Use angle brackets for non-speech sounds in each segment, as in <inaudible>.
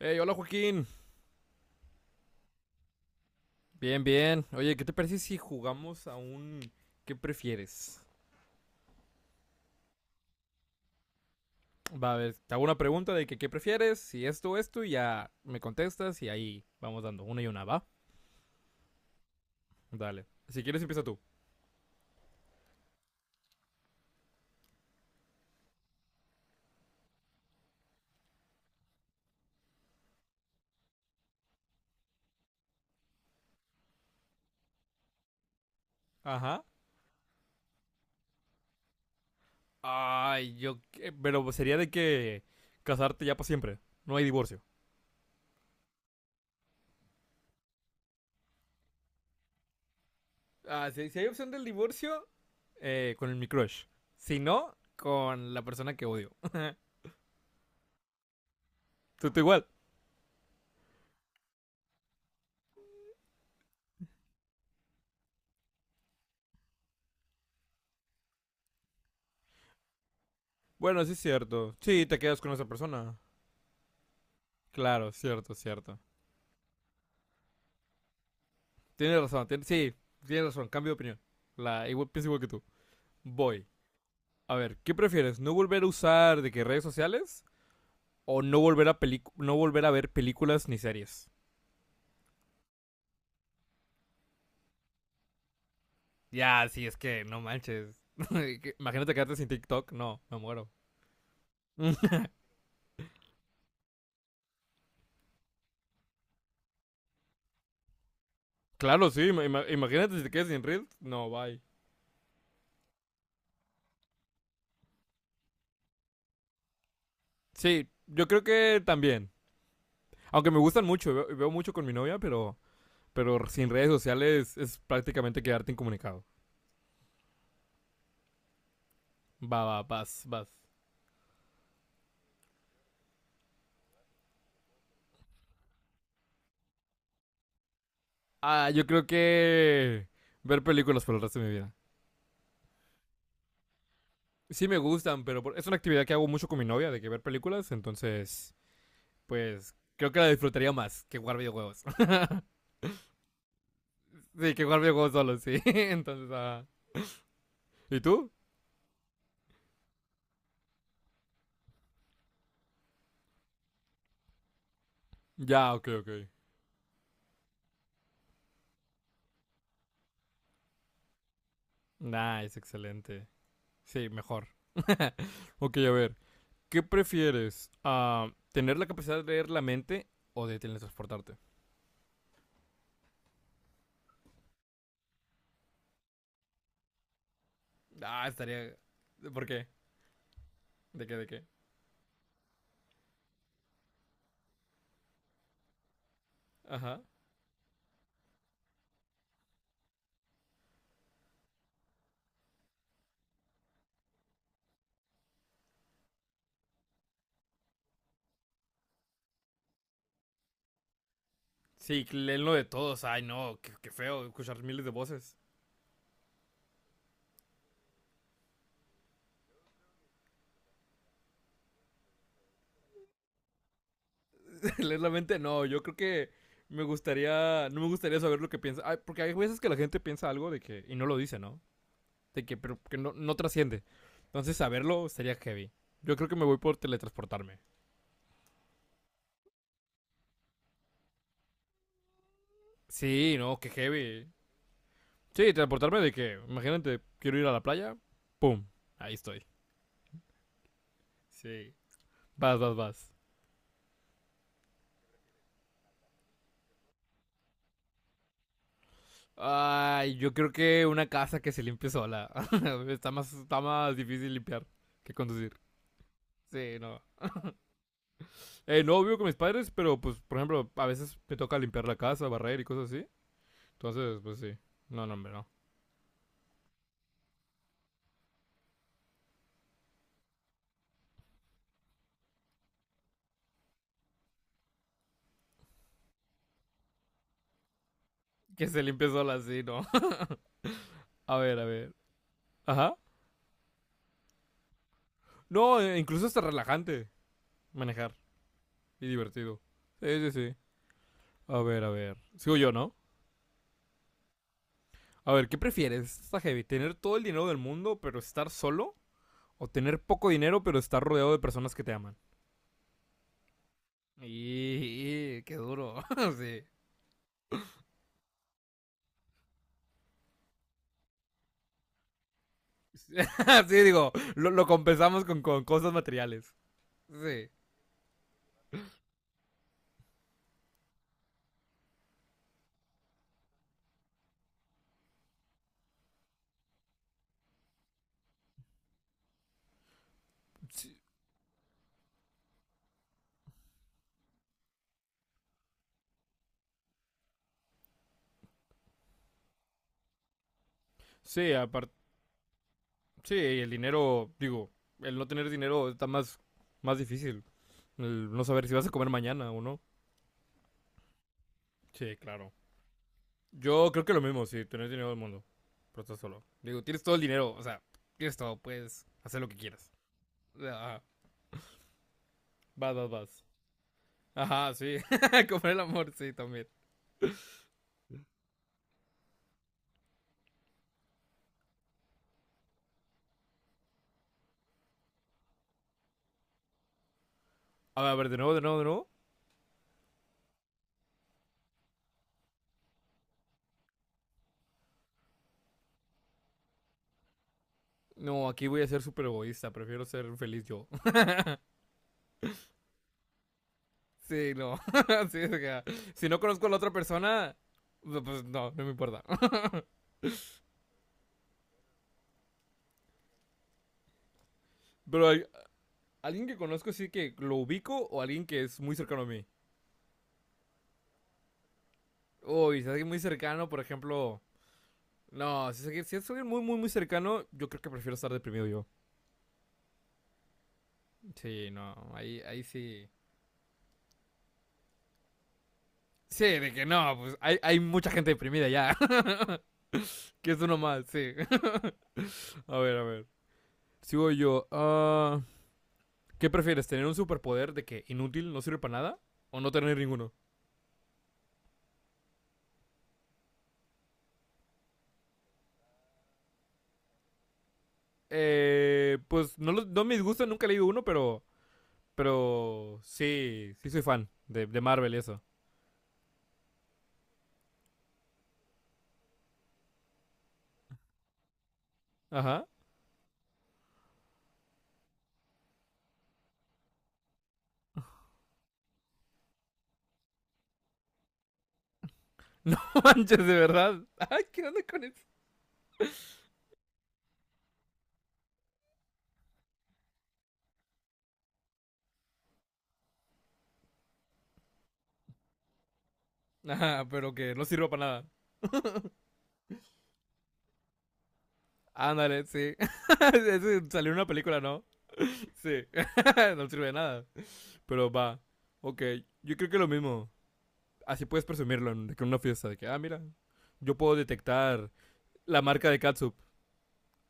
Hey, hola Joaquín. Bien, bien. Oye, ¿qué te parece si jugamos a un ¿qué prefieres? Va a ver, te hago una pregunta de que ¿qué prefieres? Si esto, esto, y ya me contestas y ahí vamos dando una y una, ¿va? Dale. Si quieres, empieza tú. Ajá. Ay, yo. Pero sería de que casarte ya para siempre. No hay divorcio. Ah, si hay opción del divorcio, con el mi crush. Si no, con la persona que odio. <laughs> Tú igual. Bueno, sí es cierto. Sí, te quedas con esa persona. Claro, cierto, cierto. Tienes razón, sí, tienes razón, cambio de opinión. La, igual, pienso igual que tú. Voy. A ver, ¿qué prefieres? ¿No volver a usar de que redes sociales? ¿O no volver a no volver a ver películas ni series? Ya, sí, es que no manches. <laughs> imagínate quedarte sin TikTok, no, me muero. <laughs> claro, sí, imagínate si te quedas sin Reels, no, bye. Sí, yo creo que también. Aunque me gustan mucho, veo mucho con mi novia, pero sin redes sociales es prácticamente quedarte incomunicado. Va, va, vas, vas. Ah, yo creo que ver películas por el resto de mi vida. Sí me gustan, pero es una actividad que hago mucho con mi novia, de que ver películas, entonces, pues, creo que la disfrutaría más que jugar videojuegos. <laughs> sí, que jugar videojuegos solo, sí. <laughs> entonces, ah. ¿Y tú? Ya, ok, ok. Nice, excelente. Sí, mejor. Ok, a ver, ¿qué prefieres? Ah, ¿tener la capacidad de leer la mente o de teletransportarte? Ah, estaría... ¿Por qué? ¿De qué, de qué? Ajá. Sí, leen lo de todos. Ay, no, qué, qué feo escuchar miles de voces. <laughs> leer la mente, no. Yo creo que me gustaría, no me gustaría saber lo que piensa. Ay, porque hay veces que la gente piensa algo de que, y no lo dice, ¿no? De que, pero que no, no trasciende. Entonces, saberlo sería heavy. Yo creo que me voy por teletransportarme. Sí, no, qué heavy. Sí, transportarme de que, imagínate, quiero ir a la playa, pum, ahí estoy. Sí. Vas, vas, vas. Ay, yo creo que una casa que se limpie sola. <laughs> Está más difícil limpiar que conducir. Sí, no. No vivo con mis padres, pero pues, por ejemplo, a veces me toca limpiar la casa, barrer y cosas así. Entonces, pues sí. No, no, hombre, no. Que se limpie sola sí, no. <laughs> a ver, a ver. Ajá. No, incluso hasta relajante manejar y divertido. Sí, sí, sí. A ver, a ver. Sigo yo, ¿no? A ver, ¿qué prefieres? Está heavy. ¿Tener todo el dinero del mundo, pero estar solo? ¿O tener poco dinero, pero estar rodeado de personas que te aman? Y qué duro. <laughs> sí. <laughs> sí, digo, lo compensamos con cosas materiales. Sí. Sí, sí, aparte, sí, el dinero, digo, el no tener dinero está más, más difícil. El no saber si vas a comer mañana o no. Sí, claro. Yo creo que lo mismo, sí, tener dinero del mundo. Pero estás solo. Digo, tienes todo el dinero, o sea, tienes todo, puedes hacer lo que quieras. Ajá, vas, vas, vas. Ajá, sí. <laughs> comer el amor, sí, también. A ver, de nuevo, de nuevo, de nuevo. No, aquí voy a ser súper egoísta, prefiero ser feliz yo. Sí, no. <laughs> Sí, o sea, si no conozco a la otra persona, no, pues no, no me importa. <laughs> Pero hay- alguien que conozco sí que lo ubico o alguien que es muy cercano a mí. Uy, si es alguien muy cercano, por ejemplo... No, si es, alguien, si es alguien muy, muy, muy cercano, yo creo que prefiero estar deprimido yo. Sí, no, ahí, ahí sí. Sí, de que no, pues hay mucha gente deprimida ya. <laughs> que es uno más, sí. <laughs> a ver, a ver. Sigo yo. Ah... ¿Qué prefieres? ¿Tener un superpoder de que inútil, no sirve para nada? ¿O no tener ninguno? Pues no, no me disgusta, nunca he leído uno, pero. Pero. Sí, sí soy fan de Marvel y eso. Ajá. <laughs> No manches, de verdad. Ay, ¿qué onda con eso? Ajá, pero que no sirva para nada. Ándale, sí. <laughs> Ese salió en una película, ¿no? Sí. <laughs> no sirve de nada. Pero va. Ok, yo creo que lo mismo. Así puedes presumirlo de que en una fiesta. De que, ah, mira, yo puedo detectar la marca de catsup.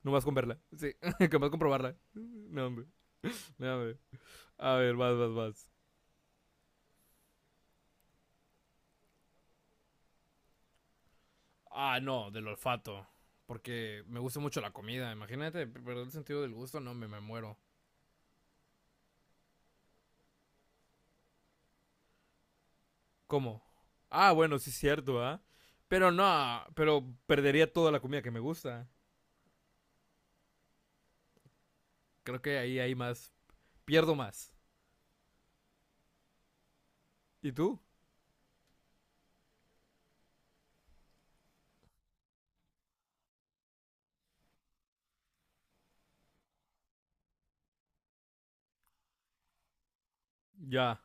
Nomás con verla. Sí, <laughs> nomás comprobarla. No, hombre. No, hombre. A ver, vas, vas, vas. Ah, no, del olfato. Porque me gusta mucho la comida. Imagínate, perder el sentido del gusto, no, me muero. ¿Cómo? Ah, bueno, sí es cierto, ¿ah? ¿Eh? Pero no, pero perdería toda la comida que me gusta. Creo que ahí hay más. Pierdo más. ¿Y tú? Ya.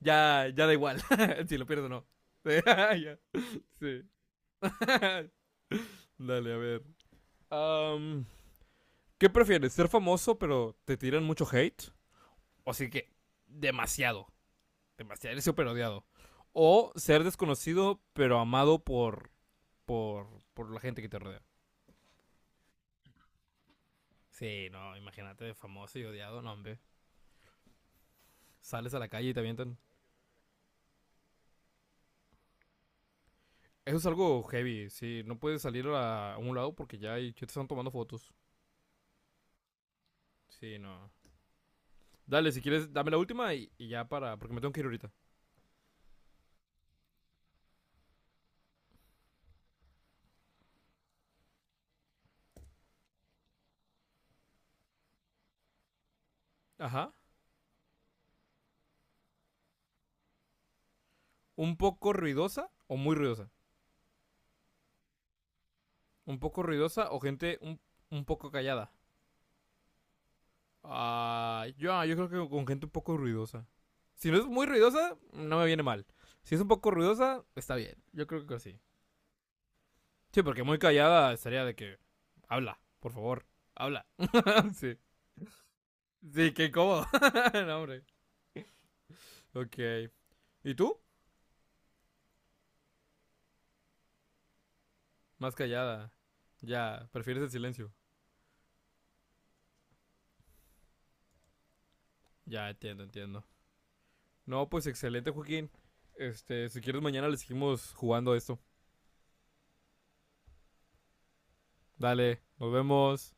Ya, ya da igual. <laughs> si lo pierdo no. <laughs> Sí, ya. Sí. <laughs> Dale, a ver. Am, ¿Qué prefieres? ¿Ser famoso pero te tiran mucho hate? O sea que demasiado, demasiado, eres súper odiado. O ser desconocido pero amado por, por la gente que te rodea. Sí, no, imagínate, famoso y odiado, no, hombre. Sales a la calle y te avientan. Eso es algo heavy, sí. No puedes salir a un lado porque ya, hay, te están tomando fotos. Sí, no. Dale, si quieres, dame la última y ya para, porque me tengo que ir ahorita. Ajá. ¿Un poco ruidosa o muy ruidosa? ¿Un poco ruidosa o gente un poco callada? Ah, yo creo que con gente un poco ruidosa. Si no es muy ruidosa, no me viene mal. Si es un poco ruidosa, está bien. Yo creo que sí. Sí, porque muy callada estaría de que habla, por favor, habla. <laughs> sí. Sí, qué cómodo. <laughs> no, hombre. Ok. ¿Y tú? Más callada. Ya, prefieres el silencio. Ya, entiendo, entiendo. No, pues excelente, Joaquín. Este, si quieres mañana le seguimos jugando a esto. Dale, nos vemos.